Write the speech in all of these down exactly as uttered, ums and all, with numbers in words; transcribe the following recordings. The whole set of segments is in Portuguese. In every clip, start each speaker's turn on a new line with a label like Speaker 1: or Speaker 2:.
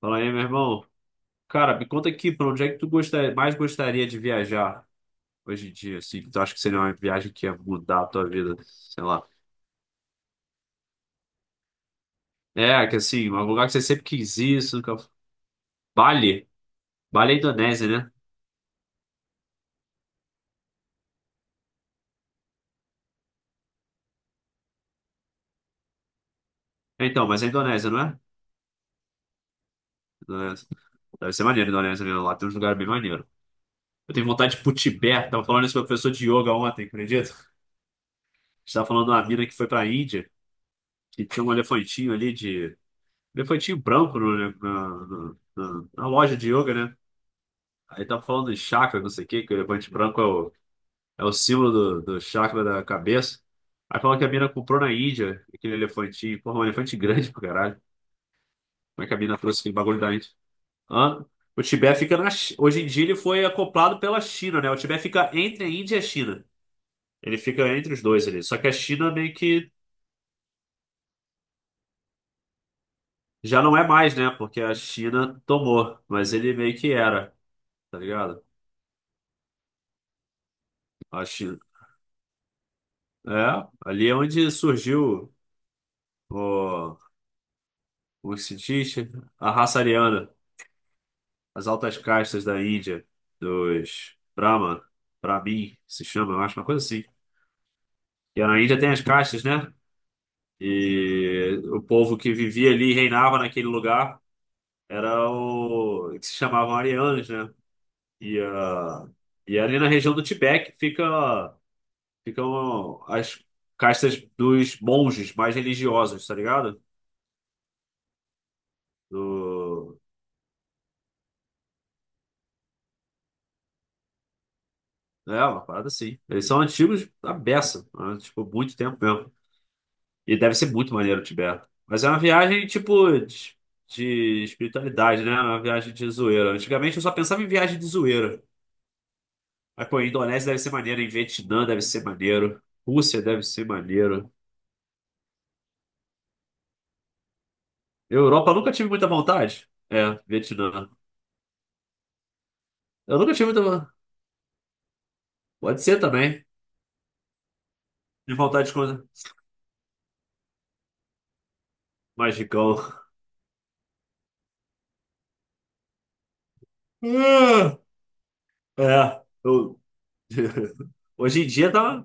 Speaker 1: Fala aí, meu irmão. Cara, me conta aqui, pra onde é que tu gostaria, mais gostaria de viajar hoje em dia, assim? Que Tu acha que seria uma viagem que ia mudar a tua vida? Sei lá. É, que assim, um lugar que você sempre quis ir, isso nunca... Bali? Bali é Indonésia, né? É, então, mas é Indonésia, não é? Indonésia. Deve ser maneiro a Indonésia, né? Lá tem uns lugares bem maneiros. Eu tenho vontade de ir pro Tibete. Tava falando isso com o professor de yoga ontem, acredita? A gente tava falando de uma mina que foi pra Índia que tinha um elefantinho ali de... Elefantinho branco no- né, na, na na- na loja de yoga, né? Aí tá falando de chakra, não sei o quê, que o elefante branco é o, é o símbolo do, do chakra da cabeça. Aí falando que a mina comprou na Índia aquele elefantinho. Porra, um elefante grande pro caralho. Como é que a mina trouxe aquele bagulho da Índia? Hã? O Tibete fica na. Chi- Hoje em dia ele foi acoplado pela China, né? O Tibete fica entre a Índia e a China. Ele fica entre os dois ali. Só que a China meio que já não é mais, né? Porque a China tomou. Mas ele meio que era, tá ligado? A China. É, ali é onde surgiu. Os cientistas, a raça ariana, as altas castas da Índia, dos Brahman, Brahmin, se chama, eu acho, uma coisa assim. E na Índia tem as castas, né? E o povo que vivia ali, e reinava naquele lugar, era o que se chamavam arianos, né? E, ah, e ali na região do Tibete fica, ficam as castas dos monges mais religiosos, tá ligado? Do, é, uma parada assim. Eles são antigos a beça, né? Tipo, muito tempo mesmo. E deve ser muito maneiro o Tibete. Mas é uma viagem, tipo, de, de espiritualidade, né? É uma viagem de zoeira. Antigamente eu só pensava em viagem de zoeira. Mas, pô, Indonésia deve ser maneiro, em Vietnã deve ser maneiro, Rússia deve ser maneiro. Europa eu nunca tive muita vontade. É, Vietnã. Eu nunca tive muita. vo- Pode ser também. De vontade de coisa. Magicão. Ah, é, eu... Hoje em dia tá.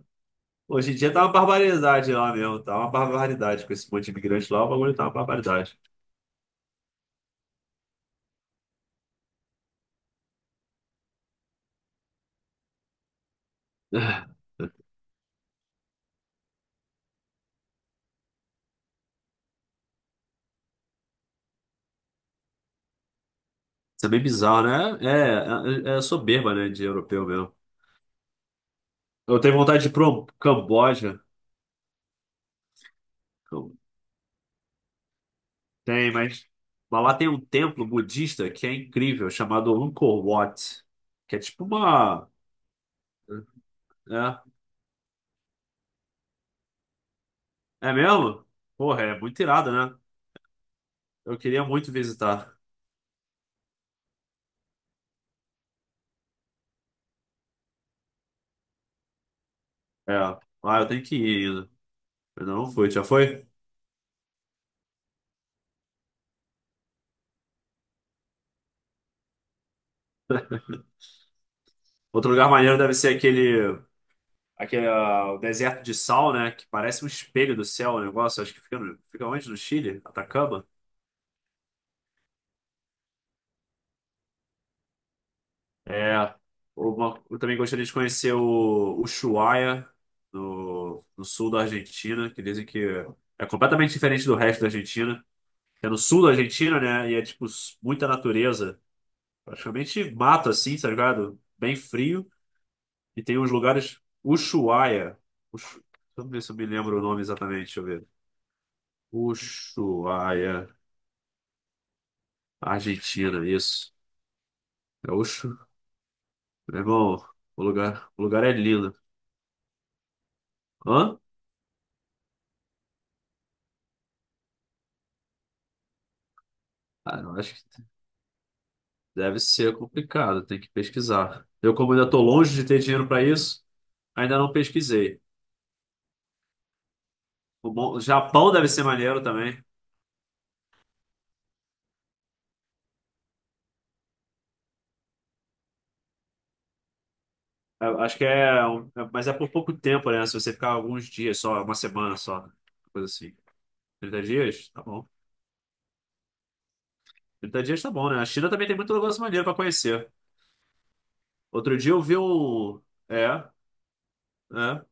Speaker 1: Hoje em dia tá uma barbaridade lá mesmo, tá uma barbaridade. Com esse monte de imigrante lá, o bagulho tá uma barbaridade. Ah, isso é bem bizarro, né? É, é, é soberba, né, de europeu mesmo. Eu tenho vontade de ir pro Camboja. Tem, mas... Mas lá tem um templo budista que é incrível, chamado Angkor Wat. Que é tipo uma... É, é mesmo? Porra, é muito irado, né? Eu queria muito visitar. É. Ah, eu tenho que ir ainda. Eu ainda não fui, já foi? Outro lugar maneiro deve ser aquele... Aquele, ah, o deserto de sal, né? Que parece um espelho do céu, o negócio. Acho que fica, no- fica onde? No Chile? Atacama? É, uma- eu também gostaria de conhecer o Ushuaia, no, no sul da Argentina, que dizem que é completamente diferente do resto da Argentina. É no sul da Argentina, né? E é, tipo, s- muita natureza. Praticamente mato, assim, tá ligado? Bem frio. E tem uns lugares... Ushuaia. Ushu... Deixa eu ver se eu me lembro o nome exatamente, deixa eu ver. Ushuaia, Argentina, isso. É Ushu... Meu irmão, o lugar, o lugar é lindo. Hã? Ah, não, acho que deve ser complicado, tem que pesquisar. Eu, como ainda estou longe de ter dinheiro para isso, ainda não pesquisei. O bom- o Japão deve ser maneiro também. É, acho que é, um- é- mas é por pouco tempo, né? Se você ficar alguns dias só, uma semana só, coisa assim. Trinta dias? Tá bom. Trinta dias tá bom, né? A China também tem muito negócio maneiro para conhecer. Outro dia eu vi um. É, é.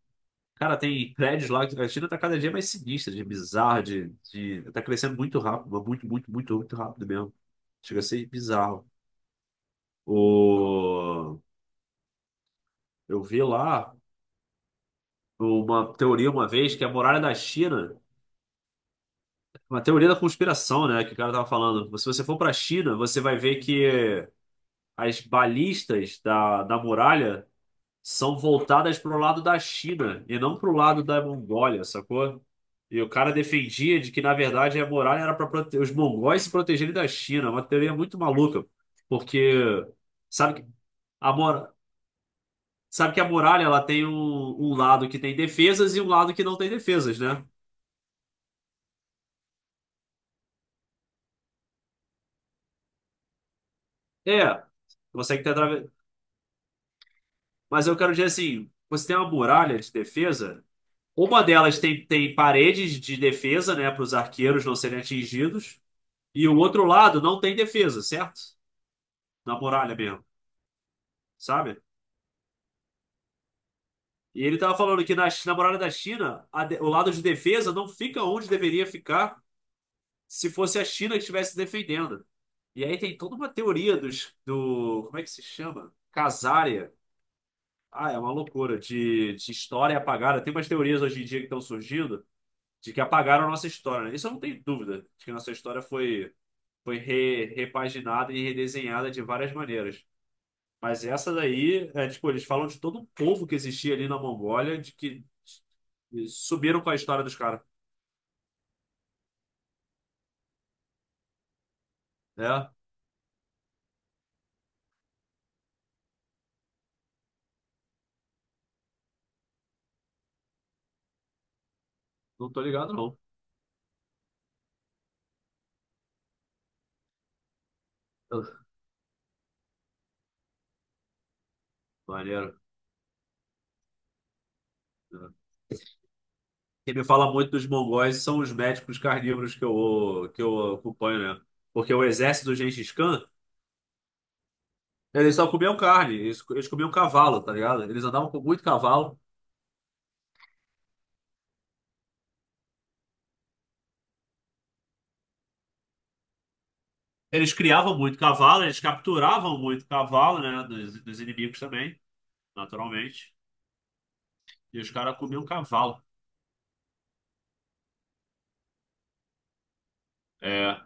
Speaker 1: Cara, tem prédios lá. que- A China tá cada dia mais sinistra, de bizarro, de, de... Tá crescendo muito rápido, muito, muito, muito, muito rápido mesmo. Chega a ser bizarro. O... Eu vi lá uma teoria uma vez que é a muralha da China, uma teoria da conspiração, né? Que o cara tava falando. Se você for pra China, você vai ver que as balistas da, da muralha são voltadas pro lado da China e não pro lado da Mongólia, sacou? E o cara defendia de que, na verdade, a muralha era para prote... os mongóis se protegerem da China. É uma teoria muito maluca, porque sabe que a mora sabe que a muralha ela tem um, um lado que tem defesas e um lado que não tem defesas, né? É, você que tem atrave- mas eu quero dizer assim, você tem uma muralha de defesa, uma delas tem, tem paredes de defesa, né, para os arqueiros não serem atingidos, e o outro lado não tem defesa, certo? Na muralha mesmo, sabe? E ele tava falando que na, Chi- na muralha da China, a de- o lado de defesa não fica onde deveria ficar se fosse a China que estivesse defendendo. E aí tem toda uma teoria dos, do. Como é que se chama? Casária. Ah, é uma loucura de, de história apagada. Tem umas teorias hoje em dia que estão surgindo de que apagaram a nossa história, né? Isso eu não tenho dúvida, de que a nossa história foi, foi re- repaginada e redesenhada de várias maneiras. Mas essa daí, é, tipo, eles falam de todo um povo que existia ali na Mongólia, de que subiram com a história dos caras. É, não tô ligado, não. Ah, maneiro. Quem me fala muito dos mongóis são os médicos carnívoros que eu, que eu acompanho, né? Porque o exército do Gengis Khan, eles só comiam carne, eles, eles comiam cavalo, tá ligado? Eles andavam com muito cavalo, eles criavam muito cavalo, eles capturavam muito cavalo, né? Dos, dos inimigos também, naturalmente. E os caras comiam cavalo. É,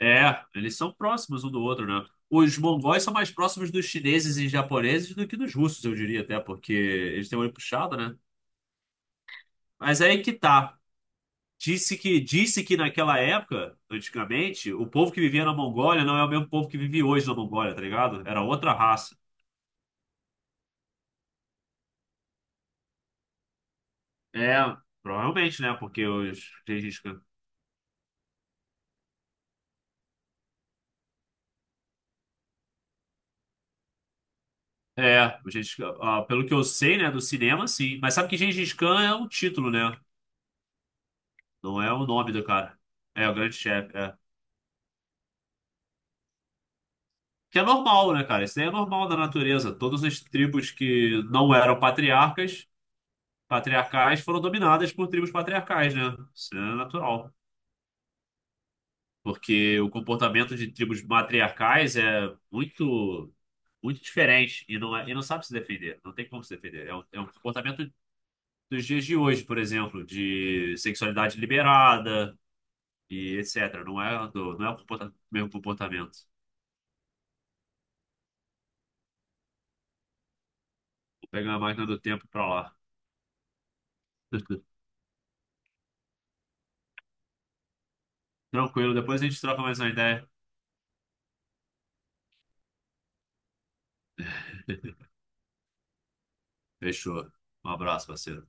Speaker 1: é, eles são próximos um do outro, né? Os mongóis são mais próximos dos chineses e japoneses do que dos russos, eu diria até, porque eles têm o olho puxado, né? Mas é aí que tá. Disse que, disse que naquela época, antigamente, o povo que vivia na Mongólia não é o mesmo povo que vive hoje na Mongólia, tá ligado? Era outra raça. É, provavelmente, né? Porque os Gengis Khan. É, o Gengis Khan, ah, pelo que eu sei, né, do cinema, sim. Mas sabe que Gengis Khan é um título, né? Não é o nome do cara. É, o grande chefe, é. Que é normal, né, cara? Isso daí é normal da natureza. Todas as tribos que não eram patriarcas, patriarcais, foram dominadas por tribos patriarcais, né? Isso é natural. Porque o comportamento de tribos matriarcais é muito muito diferente e não é- e não sabe se defender, não tem como se defender. É um, é um comportamento dos dias de hoje, por exemplo, de sexualidade liberada e et cetera. Não é do, não é o comporta- mesmo comportamento. Vou pegar a máquina do tempo pra lá. Tranquilo, depois a gente troca mais uma ideia. Fechou. Um abraço, parceiro.